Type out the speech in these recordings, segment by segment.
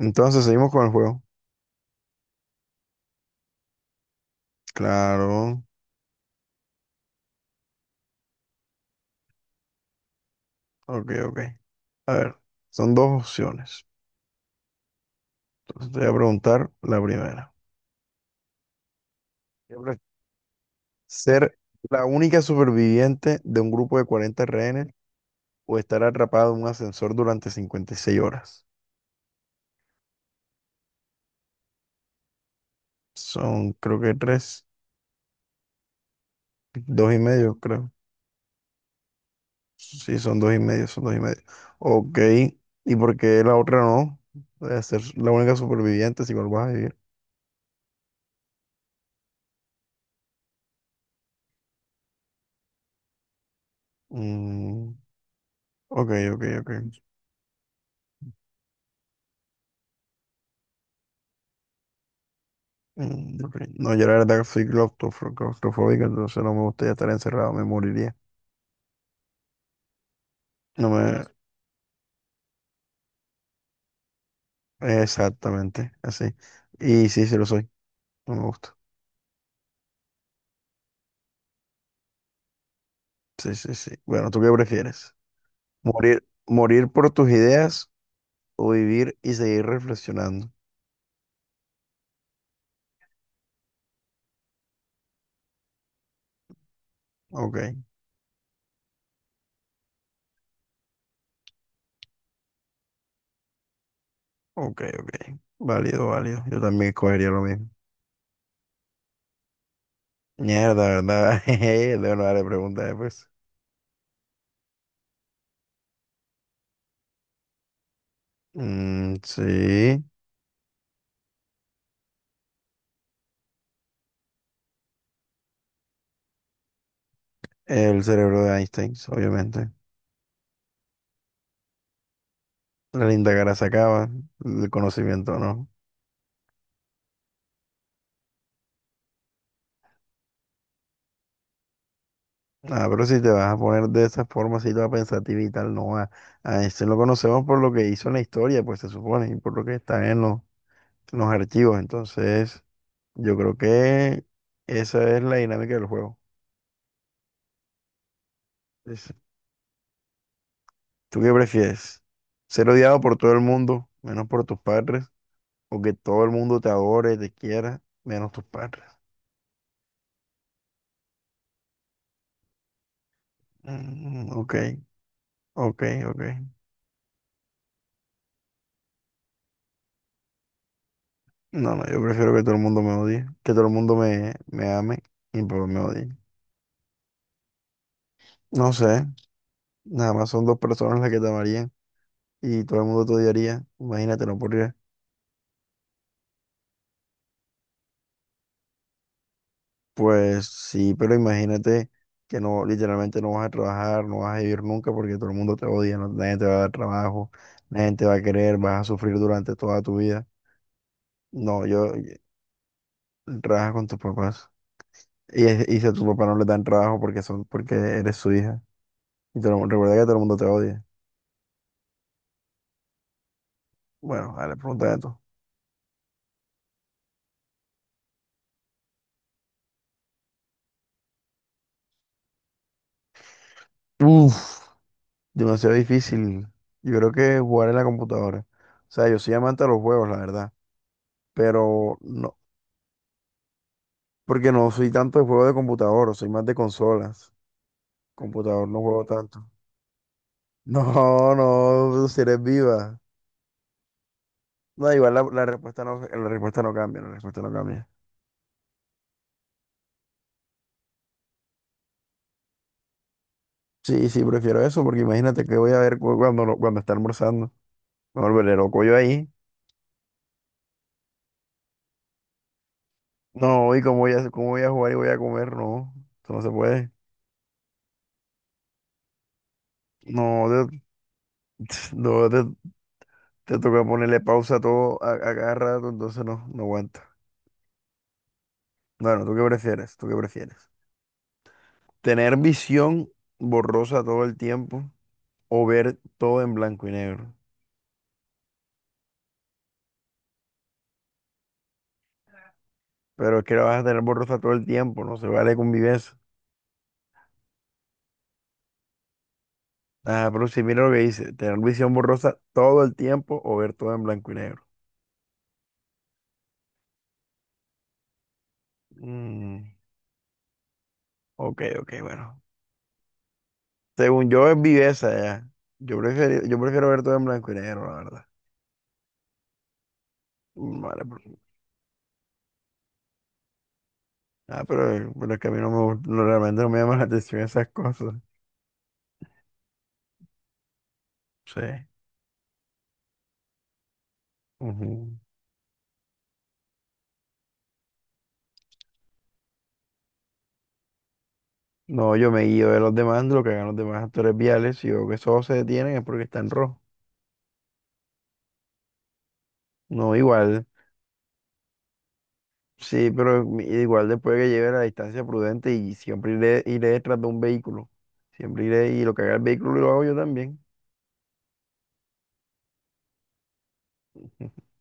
Entonces seguimos con el juego. Claro. Ok, ok. A ver, son dos opciones. Entonces te voy a preguntar la primera. ¿Qué pref- ¿Ser la única superviviente de un grupo de 40 rehenes o estar atrapado en un ascensor durante 56 horas? Son, creo que tres, dos y medio, creo. Sí, son dos y medio, son dos y medio. Ok. ¿Y por qué la otra no? De ser la única superviviente si igual vas a vivir. Mm, ok, ok, ok. Mm, ok. No, yo la verdad que soy claustrofóbico, entonces no me gustaría estar encerrado, me moriría. No me. Exactamente, así. Y sí, sí lo soy, no me gusta. Sí, sí, sí. Bueno, ¿tú qué prefieres? ¿Morir, morir por tus ideas o vivir y seguir reflexionando? Ok, ok, ok. Válido, válido. Yo también escogería lo mismo. Mierda, ¿verdad? Jeje, debo no darle preguntas después. Mm, sí, el cerebro de Einstein, obviamente. La linda cara se acaba, el conocimiento no. Ah, pero si te vas a poner de esa forma, si te vas a pensativa y tal, no va. A este lo conocemos por lo que hizo en la historia, pues se supone, y por lo que está en los archivos. Entonces, yo creo que esa es la dinámica del juego. Es- ¿Tú qué prefieres? ¿Ser odiado por todo el mundo, menos por tus padres? ¿O que todo el mundo te adore, te quiera, menos tus padres? Mm, ok, ok, ok. No, no, yo prefiero que todo el mundo me odie, que todo el mundo me ame y pues me odie. No sé, nada más son dos personas las que te amarían y todo el mundo te odiaría. Imagínate, no podría. Pues sí, pero imagínate que no, literalmente no vas a trabajar, no vas a vivir nunca porque todo el mundo te odia, nadie te va a dar trabajo, nadie te va a querer, vas a sufrir durante toda tu vida. No, trabaja con tus papás. Y si a tus papás no le dan trabajo porque eres su hija. Y todo el recuerda que todo el mundo te odia. Bueno, a la pregunta de Uf, demasiado difícil. Yo creo que jugar en la computadora. O sea, yo soy amante de los juegos, la verdad. Pero no, porque no soy tanto de juegos de computador, soy más de consolas. Computador no juego tanto. No, no, si eres viva. No, igual la respuesta no, la respuesta no cambia, la respuesta no cambia. Sí, sí, prefiero eso, porque imagínate que voy a ver cu- cuando, no- cuando está almorzando. Me volveré loco yo ahí. No, y cómo voy a jugar y voy a comer, no. Eso no se puede. No, no, te toca ponerle pausa a todo a cada rato, entonces no, no aguanta. Bueno, ¿tú qué prefieres? ¿Tú qué prefieres? ¿Tener visión borrosa todo el tiempo o ver todo en blanco y negro? Pero es que la vas a tener borrosa todo el tiempo, no se vale convivencia. Ah, pero si mira lo que dice, tener visión borrosa todo el tiempo o ver todo en blanco y negro. Mm, ok, ok, bueno. Según yo es viveza ya. Yo prefiero ver todo en blanco y negro, la verdad. Mm, vale, pues. Ah, pero es que a mí no me, no, realmente no me llaman la atención esas cosas. Sí. Ujú. No, yo me guío de los demás, de lo que hagan los demás actores viales. Si veo que esos se detienen es porque están rojos. No, igual. Sí, pero igual después que lleve la distancia prudente y siempre iré, iré detrás de un vehículo. Siempre iré y lo que haga el vehículo lo hago yo también.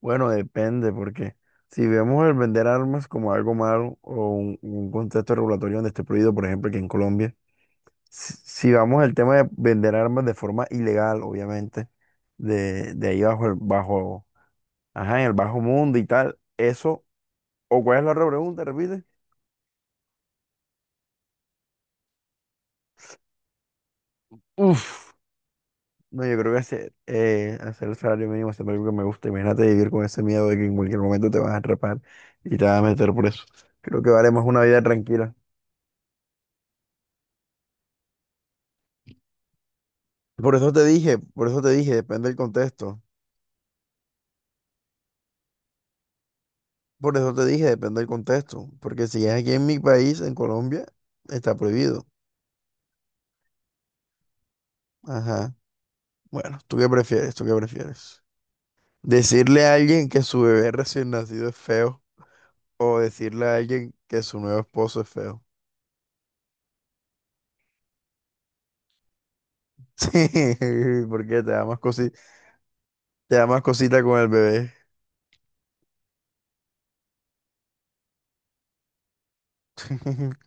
Bueno, depende, porque si vemos el vender armas como algo malo o un contexto regulatorio donde esté prohibido, por ejemplo, aquí en Colombia. Si vamos al tema de vender armas de forma ilegal, obviamente, de ahí bajo el bajo, ajá, en el bajo mundo y tal, eso, o cuál es la otra pregunta, repite. Uf, no, yo creo que hacer el salario mínimo es algo que me gusta. Imagínate vivir con ese miedo de que en cualquier momento te vas a atrapar y te vas a meter preso. Creo que vale más una vida tranquila. Por eso te dije, por eso te dije, depende del contexto. Por eso te dije, depende del contexto. Porque si es aquí en mi país, en Colombia, está prohibido. Ajá. Bueno, ¿tú qué prefieres? ¿Tú qué prefieres? ¿Decirle a alguien que su bebé recién nacido es feo o decirle a alguien que su nuevo esposo es feo? Sí, porque te da más te da más cosita con el bebé.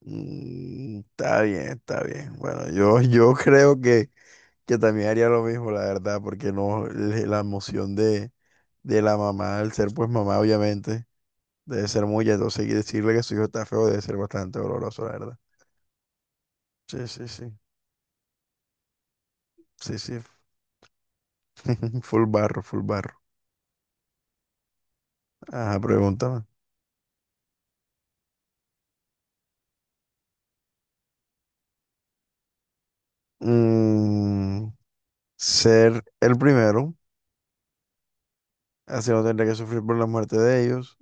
Mm, está bien, está bien. Bueno, yo creo que también haría lo mismo, la verdad, porque no, la emoción de, la mamá, al ser pues mamá, obviamente, debe ser muy, entonces y decirle que su hijo está feo debe ser bastante doloroso, la verdad. Sí, sí, sí. Sí, sí. Full barro, full barro. Ajá, pregúntame. Mm, ser el primero, así no tendré que sufrir por la muerte de ellos.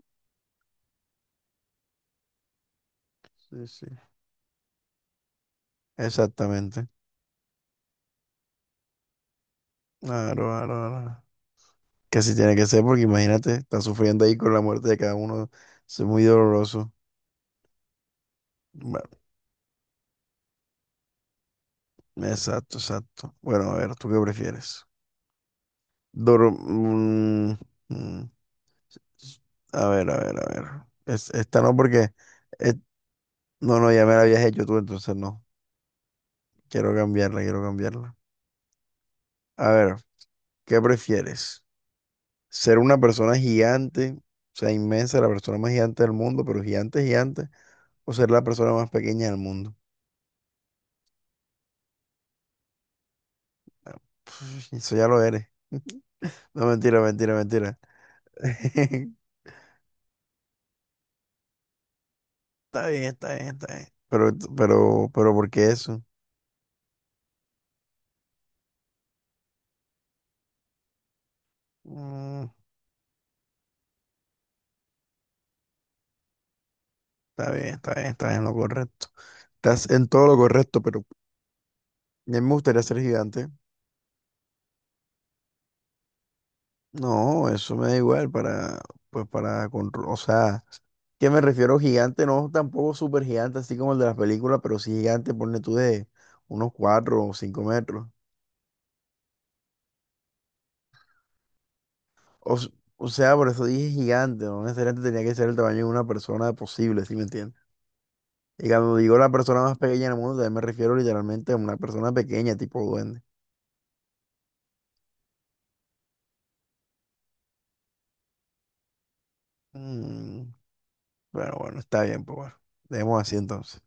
Sí, sí. Exactamente. Claro, claro, claro. Que así tiene que ser, porque imagínate, está sufriendo ahí con la muerte de cada uno. Eso es muy doloroso. Bueno, exacto, exacto. Bueno, a ver, ¿tú qué prefieres? Dor- mm, mm. A ver, a ver, a ver. Esta no porque. Eh, no, no, ya me la habías hecho tú, entonces no. Quiero cambiarla, quiero cambiarla. A ver, ¿qué prefieres? ¿Ser una persona gigante, o sea, inmensa, la persona más gigante del mundo, pero gigante, gigante, o ser la persona más pequeña del mundo? Eso ya lo eres. No, mentira, mentira, mentira. Está bien, está bien, está bien. Pero, ¿por qué eso? Mm, está bien, está bien, está en lo correcto. Estás en todo lo correcto, pero a mí me gustaría ser gigante. No, eso me da igual para, pues para, control, o sea, que me refiero gigante, no tampoco súper gigante, así como el de las películas, pero sí gigante, ponle tú de unos 4 o 5 metros. O, s- o sea, por eso dije gigante, no necesariamente tenía que ser el tamaño de una persona posible, ¿sí me entiendes? Y cuando digo la persona más pequeña del mundo, también me refiero literalmente a una persona pequeña, tipo duende. Mm, bueno, bueno, está bien, pues bueno, dejemos así entonces.